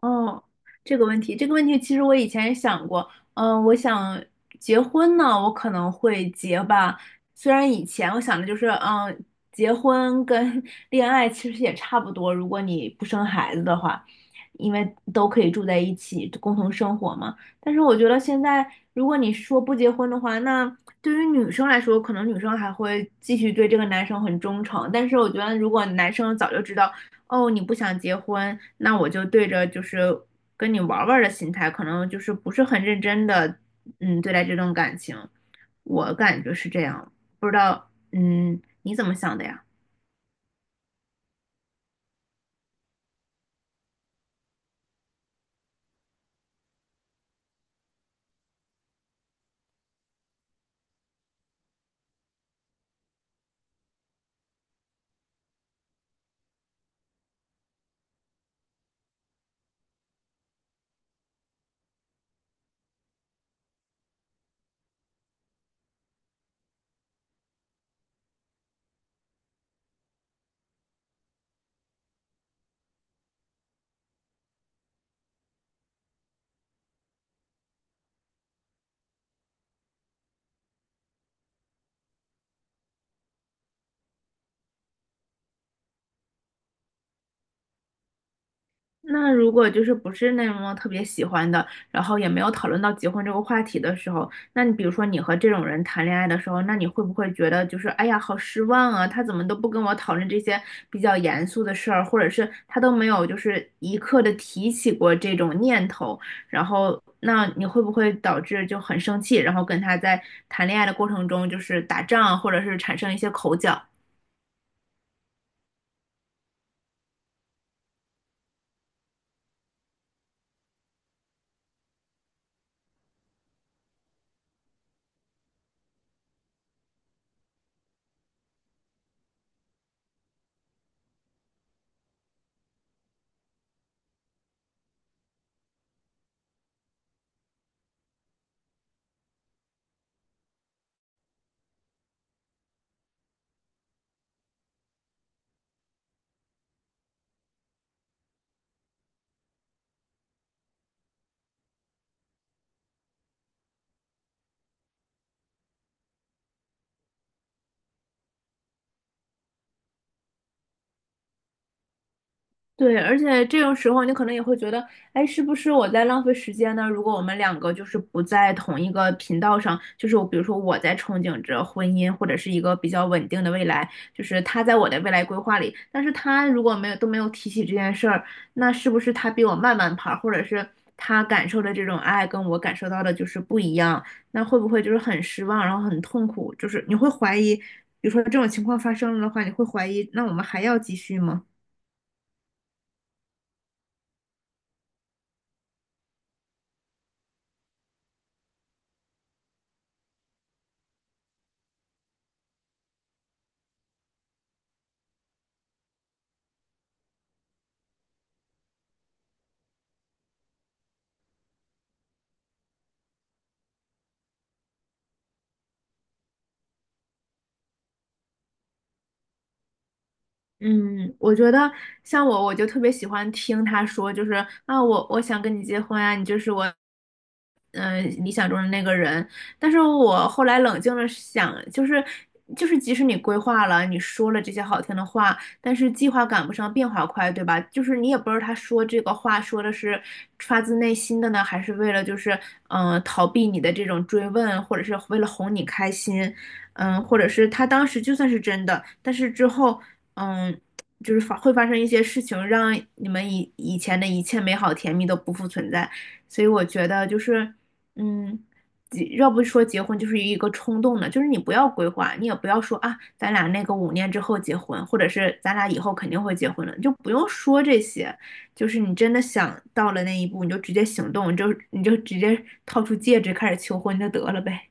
哦，这个问题，其实我以前也想过。我想结婚呢，我可能会结吧。虽然以前我想的就是，结婚跟 恋爱其实也差不多，如果你不生孩子的话，因为都可以住在一起，共同生活嘛。但是我觉得现在，如果你说不结婚的话，那对于女生来说，可能女生还会继续对这个男生很忠诚。但是我觉得，如果男生早就知道。哦，你不想结婚，那我就对着就是跟你玩儿玩儿的心态，可能就是不是很认真的，对待这段感情，我感觉是这样，不知道，嗯，你怎么想的呀？那如果就是不是那么特别喜欢的，然后也没有讨论到结婚这个话题的时候，那你比如说你和这种人谈恋爱的时候，那你会不会觉得就是哎呀好失望啊？他怎么都不跟我讨论这些比较严肃的事儿，或者是他都没有就是一刻的提起过这种念头，然后那你会不会导致就很生气，然后跟他在谈恋爱的过程中就是打仗，或者是产生一些口角？对，而且这种时候你可能也会觉得，哎，是不是我在浪费时间呢？如果我们两个就是不在同一个频道上，就是我比如说我在憧憬着婚姻或者是一个比较稳定的未来，就是他在我的未来规划里，但是他如果没有都没有提起这件事儿，那是不是他比我慢半拍儿，或者是他感受的这种爱跟我感受到的就是不一样？那会不会就是很失望，然后很痛苦？就是你会怀疑，比如说这种情况发生了的话，你会怀疑，那我们还要继续吗？嗯，我觉得像我，就特别喜欢听他说，就是啊，我想跟你结婚啊，你就是我，嗯、理想中的那个人。但是我后来冷静了想，就是，即使你规划了，你说了这些好听的话，但是计划赶不上变化快，对吧？就是你也不知道他说这个话说的是发自内心的呢，还是为了就是逃避你的这种追问，或者是为了哄你开心。嗯，或者是他当时就算是真的，但是之后嗯，就是会发生一些事情，让你们以前的一切美好甜蜜都不复存在。所以我觉得就是，嗯，结要不说结婚就是一个冲动的，就是你不要规划，你也不要说啊，咱俩那个五年之后结婚，或者是咱俩以后肯定会结婚了，你就不用说这些。就是你真的想到了那一步，你就直接行动，你就直接掏出戒指开始求婚就得了呗。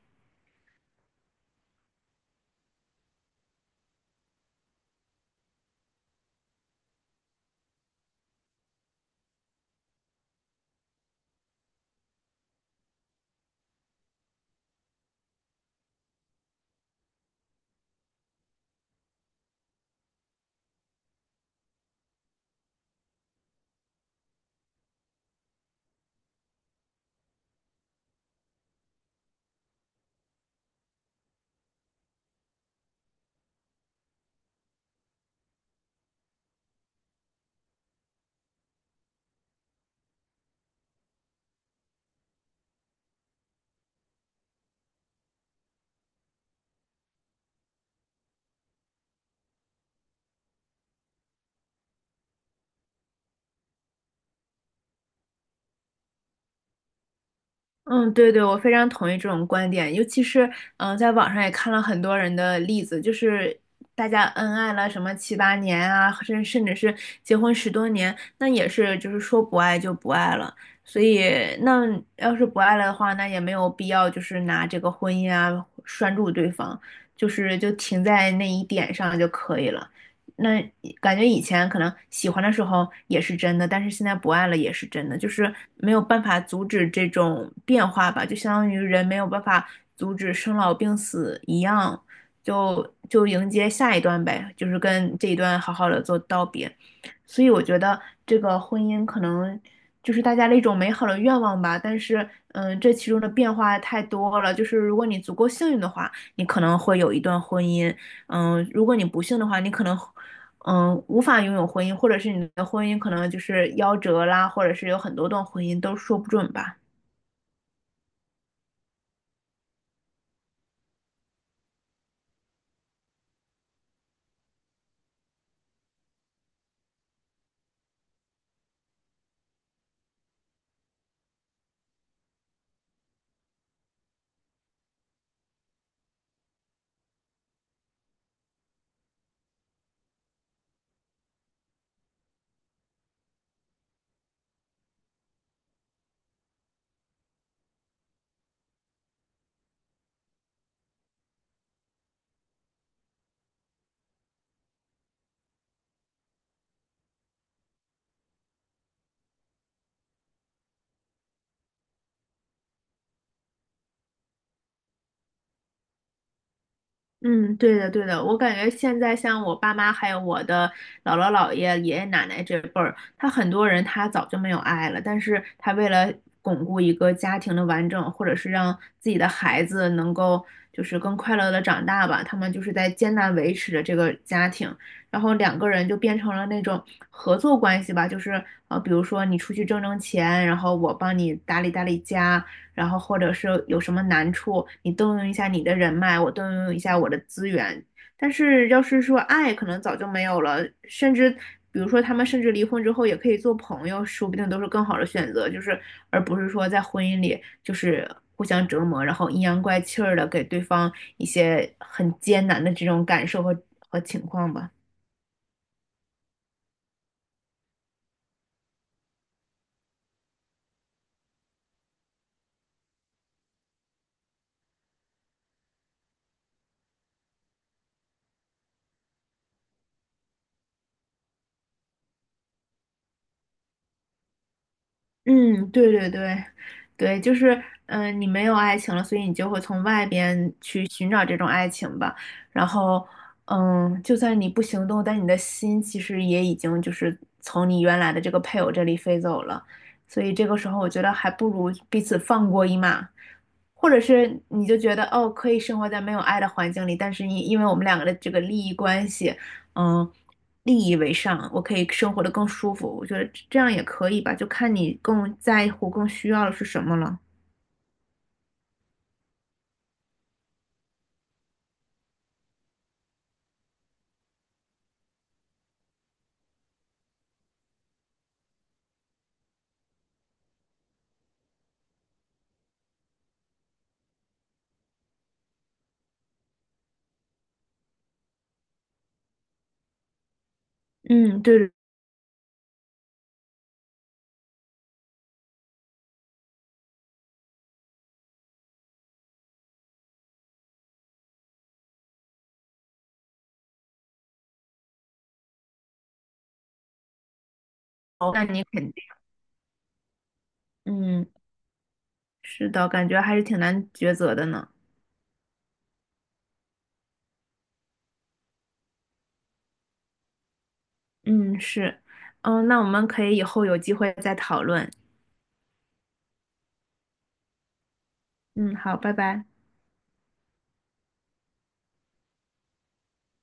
嗯，对对，我非常同意这种观点，尤其是嗯，呃在网上也看了很多人的例子，就是大家恩爱了什么七八年啊，甚至是结婚十多年，那也是就是说不爱就不爱了。所以那要是不爱了的话，那也没有必要就是拿这个婚姻啊拴住对方，就停在那一点上就可以了。那感觉以前可能喜欢的时候也是真的，但是现在不爱了也是真的，就是没有办法阻止这种变化吧，就相当于人没有办法阻止生老病死一样，就迎接下一段呗，就是跟这一段好好的做道别。所以我觉得这个婚姻可能就是大家的一种美好的愿望吧，但是嗯，这其中的变化太多了，就是如果你足够幸运的话，你可能会有一段婚姻。嗯，如果你不幸的话，你可能嗯，无法拥有婚姻，或者是你的婚姻可能就是夭折啦，或者是有很多段婚姻都说不准吧。嗯，对的，对的，我感觉现在像我爸妈，还有我的姥姥姥爷、爷爷奶奶这辈儿，他很多人他早就没有爱了，但是他为了巩固一个家庭的完整，或者是让自己的孩子能够就是更快乐的长大吧，他们就是在艰难维持着这个家庭，然后两个人就变成了那种合作关系吧，就是比如说你出去挣钱，然后我帮你打理家，然后或者是有什么难处，你动用一下你的人脉，我动用一下我的资源。但是要是说爱，可能早就没有了，甚至比如说他们甚至离婚之后也可以做朋友，说不定都是更好的选择，就是而不是说在婚姻里就是互相折磨，然后阴阳怪气儿的给对方一些很艰难的这种感受和情况吧。嗯，对对对，对，就是，嗯、你没有爱情了，所以你就会从外边去寻找这种爱情吧。然后，嗯，就算你不行动，但你的心其实也已经就是从你原来的这个配偶这里飞走了。所以这个时候，我觉得还不如彼此放过一马，或者是你就觉得哦，可以生活在没有爱的环境里，但是因为我们两个的这个利益关系。嗯，利益为上，我可以生活的更舒服。我觉得这样也可以吧，就看你更在乎、更需要的是什么了。嗯，对的那你肯定，嗯，是的，感觉还是挺难抉择的呢。嗯，是，嗯，那我们可以以后有机会再讨论。嗯，好，拜拜。